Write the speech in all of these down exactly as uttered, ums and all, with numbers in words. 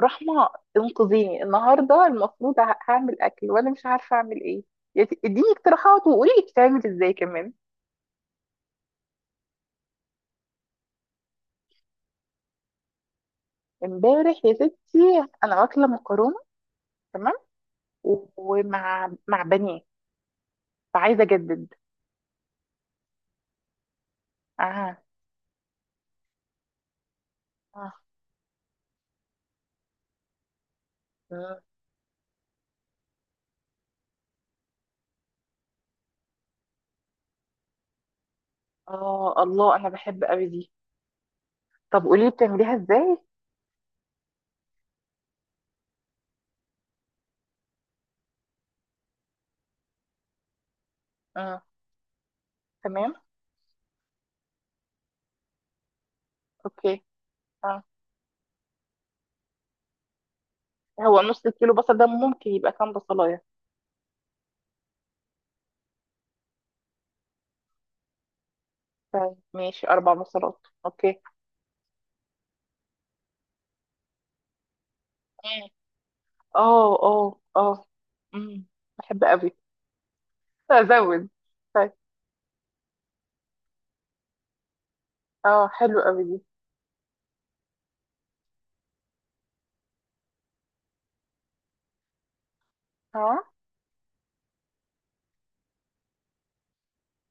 رحمة، انقذيني النهاردة. المفروض ه- هعمل أكل وأنا مش عارفة أعمل إيه. يا ست- اديني اقتراحات وقولي لي بتعمل إزاي كمان. امبارح يا ستي أنا واكلة مكرونة. تمام. و- ومع مع بانيه، فعايزة أجدد. آه، آه، مم. آه، الله، أنا بحب أوي دي. طب قولي لي بتعمليها إزاي. آه. تمام. أوكي. آه. هو نص كيلو بصل ده ممكن يبقى كام بصلاية؟ طيب ماشي، أربع بصلات، أوكي. مم. آه، آه، آه. مم. بحب أوي، ازود. طيب. اه، حلو قوي دي. اه،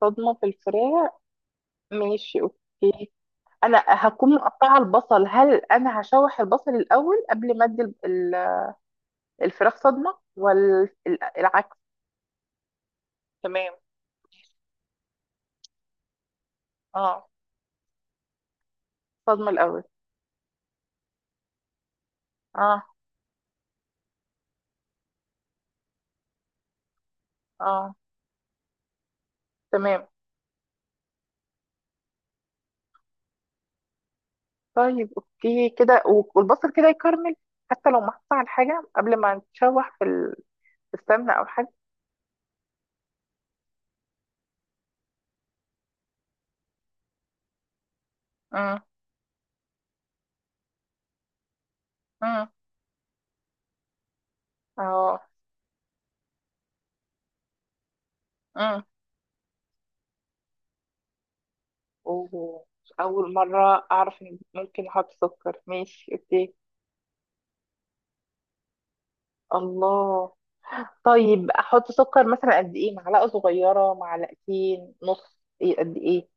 صدمة في الفراخ؟ ماشي، اوكي. انا هكون مقطعة البصل، هل انا هشوح البصل الاول قبل ما ادي ال- ال- الفراخ صدمة، ولا ال- العكس تمام. اه، صدمة الاول. اه، اه. تمام. طيب اوكي كده، والبصل كده يكرمل حتى لو محطوط على حاجة قبل ما تشوح في ال- في السمنة او حاجة. امم. امم. اه. أوه. أول مرة أعرف إن ممكن أحط سكر، ماشي أوكي. الله. طيب أحط سكر مثلا قد إيه؟ معلقة صغيرة، معلقتين، نص، إيه قد إيه؟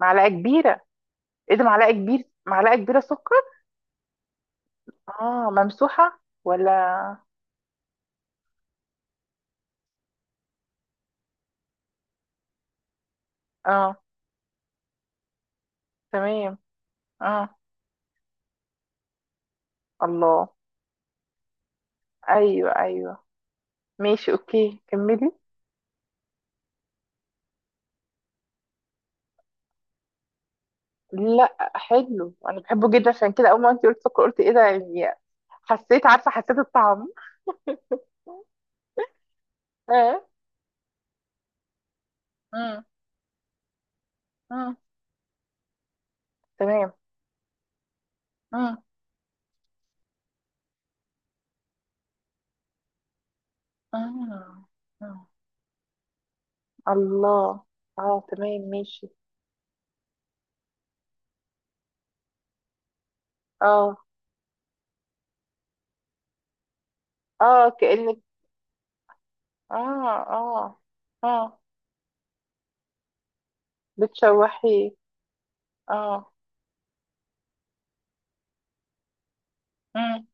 معلقة كبيرة. إيه ده، معلقة كبير، معلقة كبيرة سكر. آه، ممسوحة ولا؟ آه. تمام. آه. الله. أيوه، أيوه. ماشي أوكي، كملي. لا، حلو، أنا بحبه جدا. عشان كده أول ما أنت قلت سكر قلت إيه ده، يعني. حسيت، عارفة، حسيت الطعم. آه. مم. تمام. اه، اه. آه. الله. اه، تمام ماشي. اه، اه، كأنك. اه. اه. اه. بتشوحيه. اه. مم.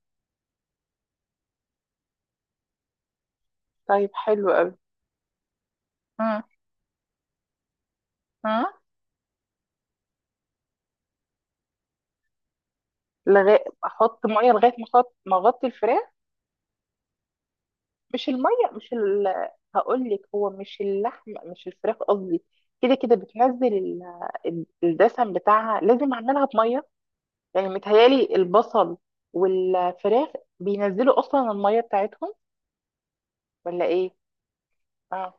طيب حلو قوي. مم. مم. لغاية احط ميه؟ لغايه ما احط، ما اغطي الفراخ؟ مش الميه، مش ال... هقول لك. هو مش اللحم، مش الفراخ قصدي، كده كده بتنزل ال... الدسم بتاعها، لازم اعملها بميه يعني؟ متهيالي البصل والفراخ بينزلوا اصلا الميه بتاعتهم، ولا ايه؟ اه.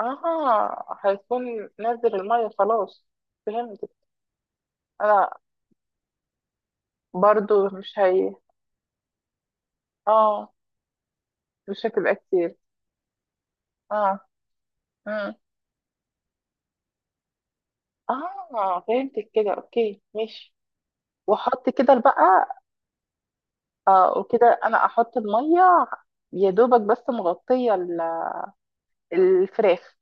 اه، هيكون نزل الميه خلاص، فهمت. انا برضو مش هي. اه. مش هتبقى كتير. اه. مم. اه، فهمتك كده، اوكي ماشي. واحط كده بقى. اه، وكده انا احط الميه يا دوبك بس مغطيه ال- الفراخ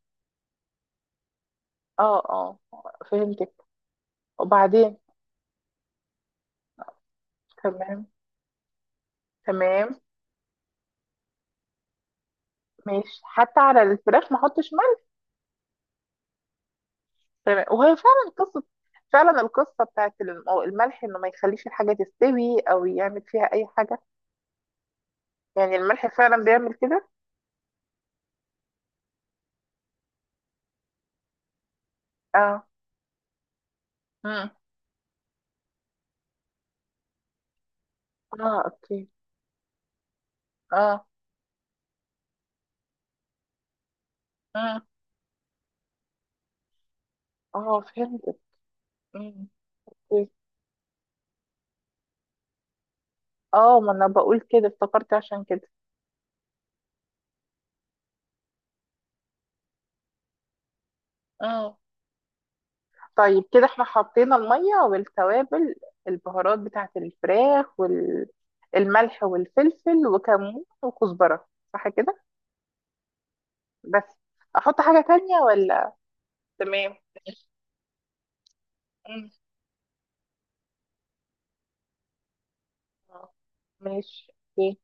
اه، اه، فهمتك. وبعدين. تمام. تمام، ماشي. حتى على الفراخ ما احطش ملح؟ تمام، وهي فعلا قصه. فعلا القصه بتاعت الم- الملح انه ما يخليش الحاجه تستوي او يعمل فيها اي حاجه؟ يعني الملح فعلا بيعمل كده؟ اه. امم. اه، اوكي. اه. امم. اه، فهمت. امم. أوكي. اه، ما انا بقول كده افتكرت عشان كده. اه. طيب كده احنا حطينا الميه والتوابل، البهارات بتاعت الفراخ، والملح والفلفل وكمون وكزبره. صح كده؟ بس احط حاجة تانية ولا؟ تمام. مم. ماشي اوكي.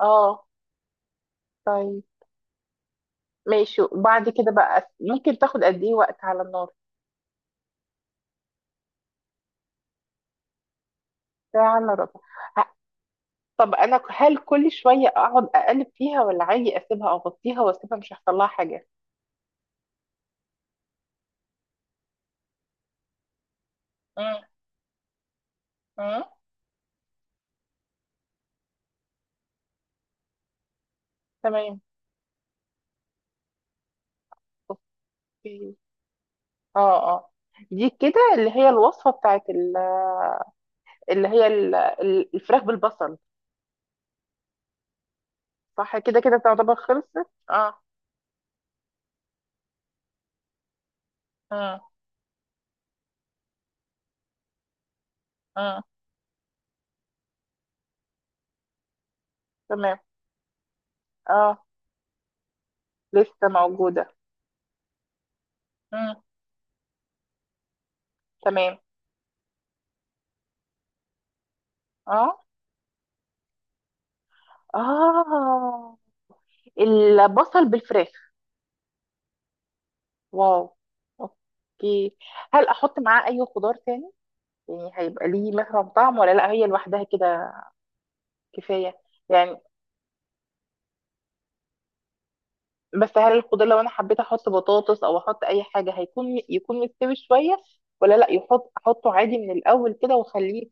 اه. طيب. ماشي. بعد كده بقى ممكن تاخد قد ايه وقت على النار؟ ساعة الا ربع. ه- طب انا، ك- هل كل شوية اقعد اقلب فيها، ولا عادي اسيبها اغطيها واسيبها مش هيحصل لها حاجة؟ مم. مم. تمام. اوكي. اه، اه. دي كده اللي هي الوصفة بتاعت ال- اللي هي ال- ال- الفراخ بالبصل. صح كده، كده تعتبر خلصت؟ اه. مم. مم. تمام. اه. لسه موجودة؟ مم. تمام. اه، اه. البصل بالفراخ. واو، اوكي. هل احط معاه اي خضار تاني؟ يعني هيبقى ليه مثلا طعم، ولا لا، هي لوحدها كده كفاية؟ يعني بس هل الخضار، لو انا حبيت احط بطاطس او احط اي حاجة، هيكون يكون مستوي شوية، ولا لا يحط، احطه عادي من الاول كده واخليه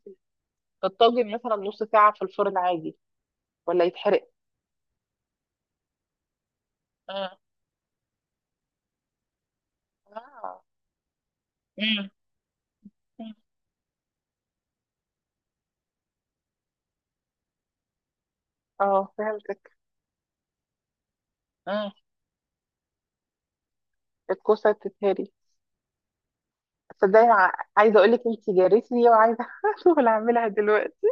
في الطاجن مثلا نص ساعة في الفرن عادي، ولا يتحرق؟ مم. اه. مم. مم. اه، فهمتك. الكوسة تتهري؟ صدقني. ع- عايزة اقول لك انت جريتني، وعايزة شغل اعملها دلوقتي.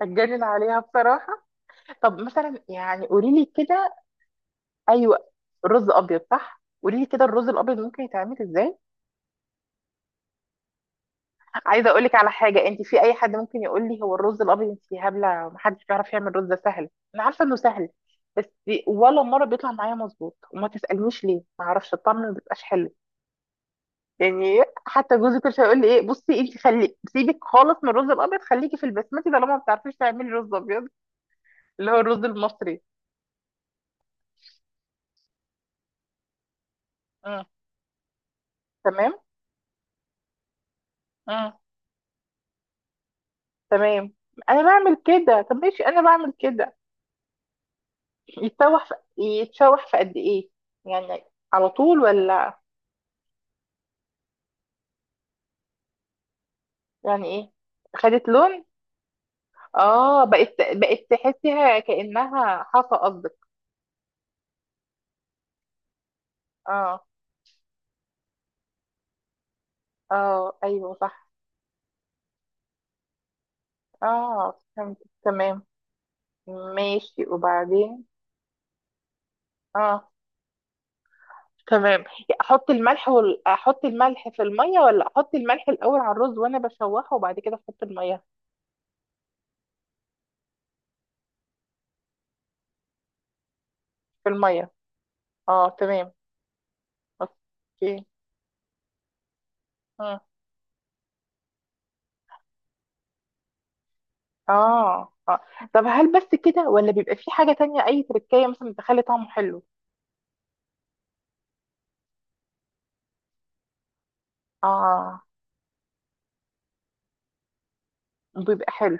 هتجنن عليها بصراحة. طب مثلا يعني قولي لي كده. ايوه، رز ابيض صح؟ قولي لي كده، الرز الابيض ممكن يتعمل ازاي. عايزة اقول لك على حاجة، انت في اي حد ممكن يقول لي هو الرز الابيض انت هبلة، محدش بيعرف يعمل رز، ده سهل. انا عارفة انه سهل، بس ولا مرة بيطلع معايا مظبوط. وما تسألنيش ليه، ما اعرفش، الطعم ما بيبقاش حلو. يعني حتى جوزي كل شويه يقول لي ايه، بصي انت خلي سيبك خالص من الرز الابيض، خليكي في البسمتي طالما ما بتعرفيش تعملي رز ابيض. اللي هو الرز المصري. اه، تمام. اه، تمام انا بعمل كده. طب ماشي، انا بعمل كده. يتشوح في، يتشوح في قد ايه يعني؟ على طول ولا؟ يعني ايه؟ خدت لون؟ اه، بقت، بقت تحسيها كانها حصى قصدك؟ اه. اه، ايوه صح. اه، فهمت. تمام. ماشي وبعدين. اه. تمام. احط الملح وال... احط الملح في الميه، ولا احط الملح الاول على الرز وانا بشوحه وبعد كده احط الميه؟ في الميه. اه، تمام. اوكي. مم. اه، اه. طب هل بس كده، ولا بيبقى في حاجه تانية اي تركية مثلا بتخلي طعمه حلو؟ اه. بيبقى حلو.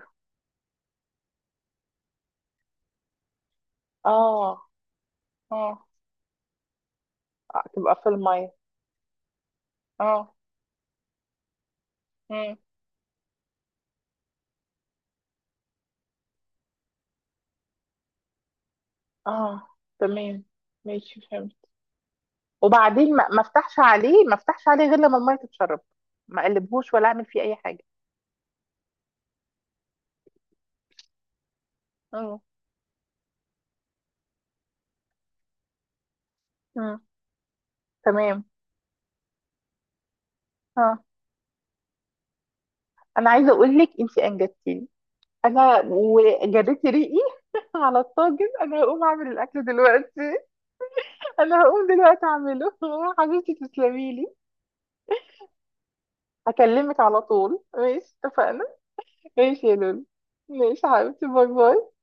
اه. اه. آه، تبقى في الميه. اه. مم. اه، تمام ماشي، فهمت. وبعدين ما ما افتحش عليه، ما افتحش عليه غير لما الميه تتشرب؟ ما اقلبهوش ولا اعمل فيه اي حاجه؟ مم. تمام. اه. انا عايزه اقول لك انت انجبتيني، انا وجريتي ريقي على الطاجن. انا هقوم اعمل الاكل دلوقتي. انا هقوم دلوقتي اعمله. حبيبتي تسلمي لي. هكلمك على طول، ماشي اتفقنا. ماشي يا لولو. ماشي يا حبيبتي، باي باي.